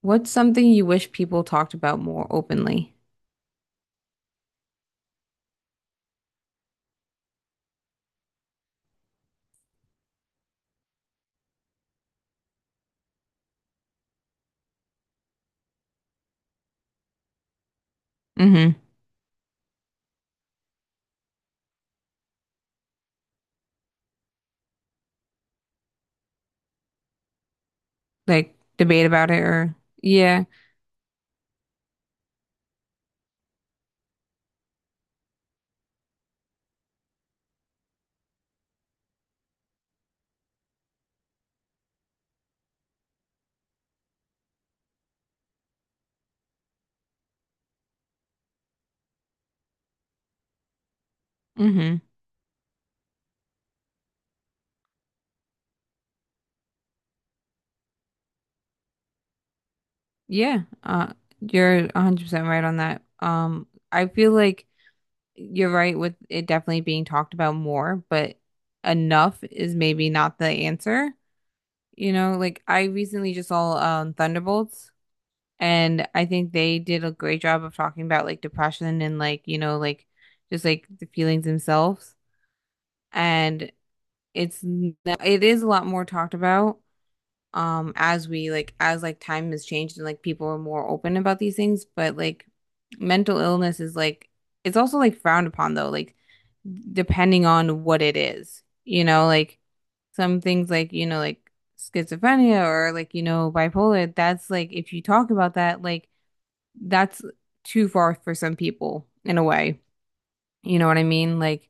What's something you wish people talked about more openly? Mm-hmm. Like debate about it or yeah. Mm-hmm. Yeah. You're 100% right on that. I feel like you're right with it definitely being talked about more, but enough is maybe not the answer. You know, like I recently just saw Thunderbolts, and I think they did a great job of talking about like depression and, like, you know, like just like the feelings themselves. And it is a lot more talked about, as we like as like time has changed and like people are more open about these things, but like mental illness is like it's also like frowned upon though, like depending on what it is. You know, like some things like, you know, like schizophrenia or, like, you know, bipolar, that's like if you talk about that, like that's too far for some people in a way. You know what I mean? Like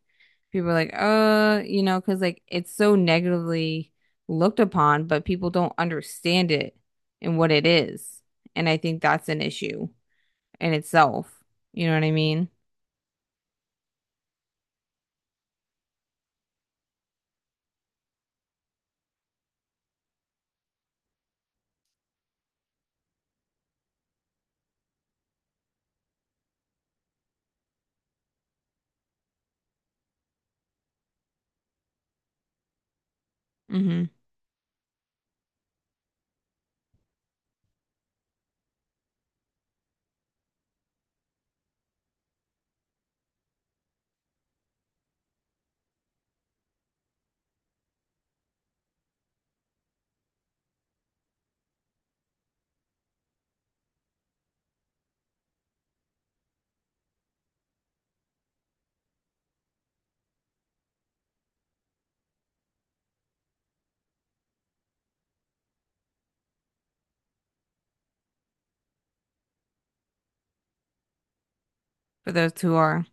people are like, you know, because like it's so negatively looked upon, but people don't understand it and what it is. And I think that's an issue in itself. You know what I mean? Mm-hmm. For those who are,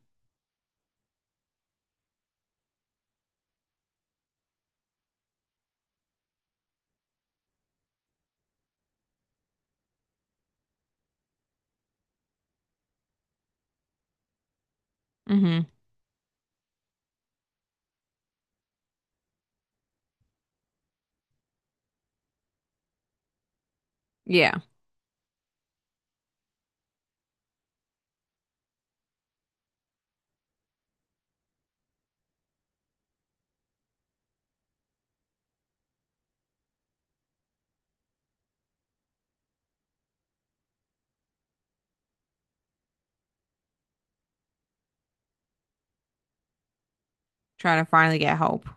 mm-hmm. Yeah, trying to finally get help.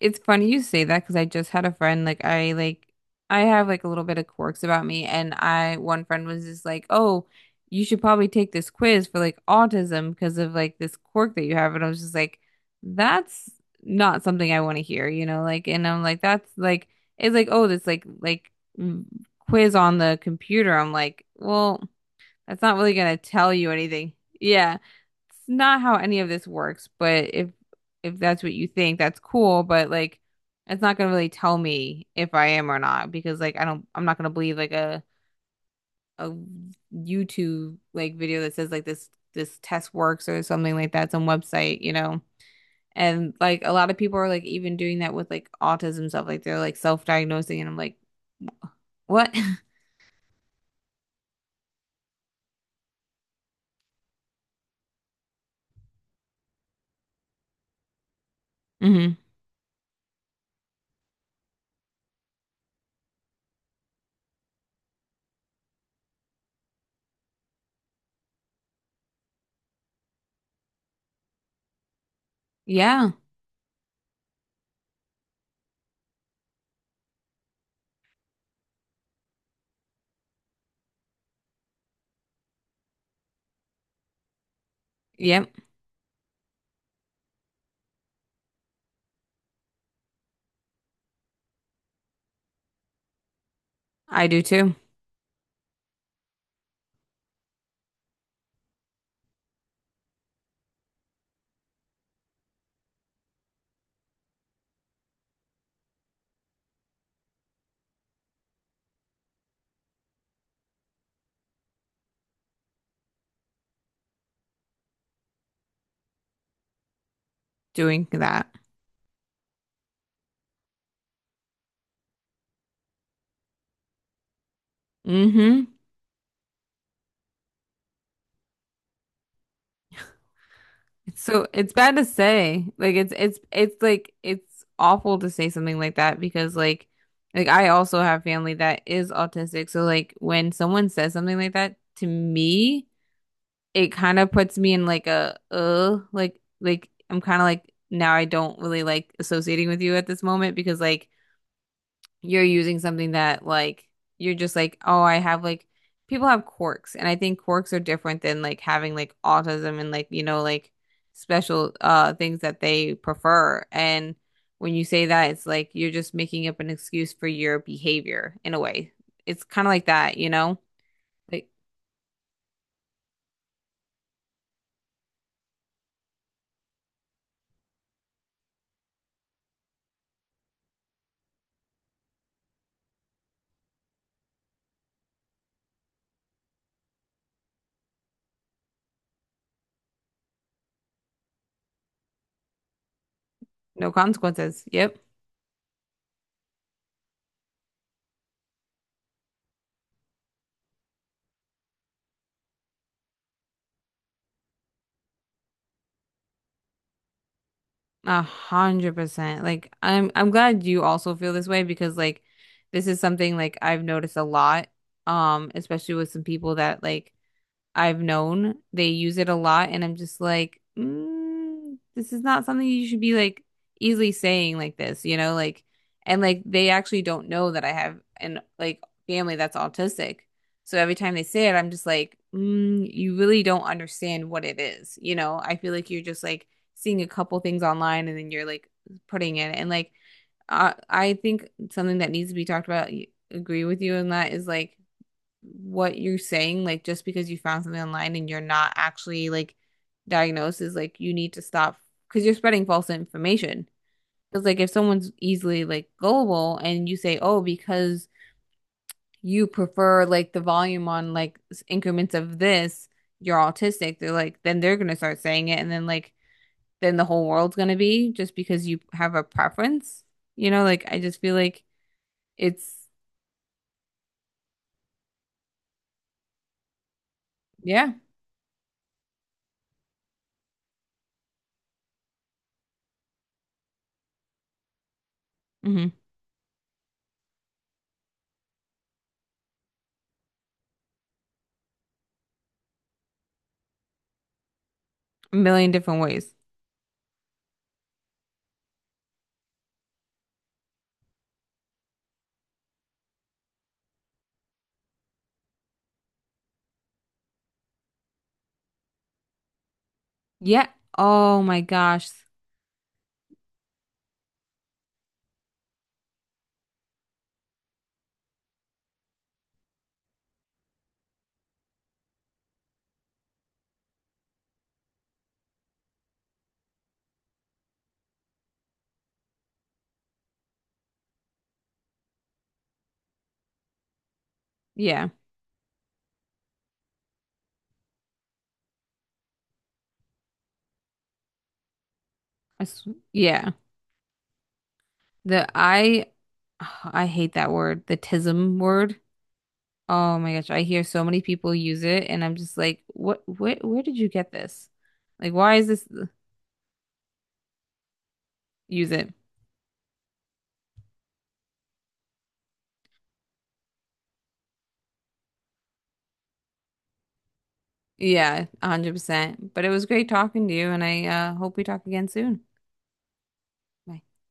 It's funny you say that because I just had a friend like I have like a little bit of quirks about me, and I one friend was just like, "Oh, you should probably take this quiz for like autism because of like this quirk that you have." And I was just like, "That's not something I want to hear," you know, like and I'm like that's like it's like, "Oh, this like mm, quiz on the computer." I'm like, "Well, that's not really gonna tell you anything." Yeah, it's not how any of this works, but if that's what you think, that's cool, but like it's not gonna really tell me if I am or not because I'm not gonna believe like a YouTube like video that says like this test works or something like that, some website, you know. And like a lot of people are like even doing that with like autism stuff, like they're like self-diagnosing, and I'm like, what? hmm Yeah. Yep. I do too. Doing that. Hmm So it's bad to say. Like it's like it's awful to say something like that because like I also have family that is autistic. So like when someone says something like that to me, it kind of puts me in like a like I'm kind of like, now I don't really like associating with you at this moment because like you're using something that like you're just like, oh, I have like people have quirks, and I think quirks are different than like having like autism and like, you know, like special things that they prefer. And when you say that, it's like you're just making up an excuse for your behavior in a way. It's kind of like that, you know? Like, no consequences. Yep. 100%. Like I'm glad you also feel this way because like this is something like I've noticed a lot, especially with some people that like I've known they use it a lot, and I'm just like, mm, this is not something you should be like easily saying like this, you know, like, and like they actually don't know that I have an like family that's autistic. So every time they say it, I'm just like, mm, you really don't understand what it is, you know. I feel like you're just like seeing a couple things online, and then you're like putting it, and like, I think something that needs to be talked about. Agree with you on that is like what you're saying, like just because you found something online and you're not actually like diagnosed, is like you need to stop because you're spreading false information. Because like if someone's easily like gullible, and you say, oh, because you prefer like the volume on like increments of this, you're autistic, they're like, then they're gonna start saying it and then like then the whole world's gonna be just because you have a preference. You know, like I just feel like it's yeah, hmm a million different ways. Yeah. Oh my gosh. Yeah. I s- yeah. The I I hate that word, the tism word. Oh my gosh, I hear so many people use it, and I'm just like, what, where did you get this? Like why is this use it? Yeah, 100%. But it was great talking to you, and I hope we talk again soon. Bye.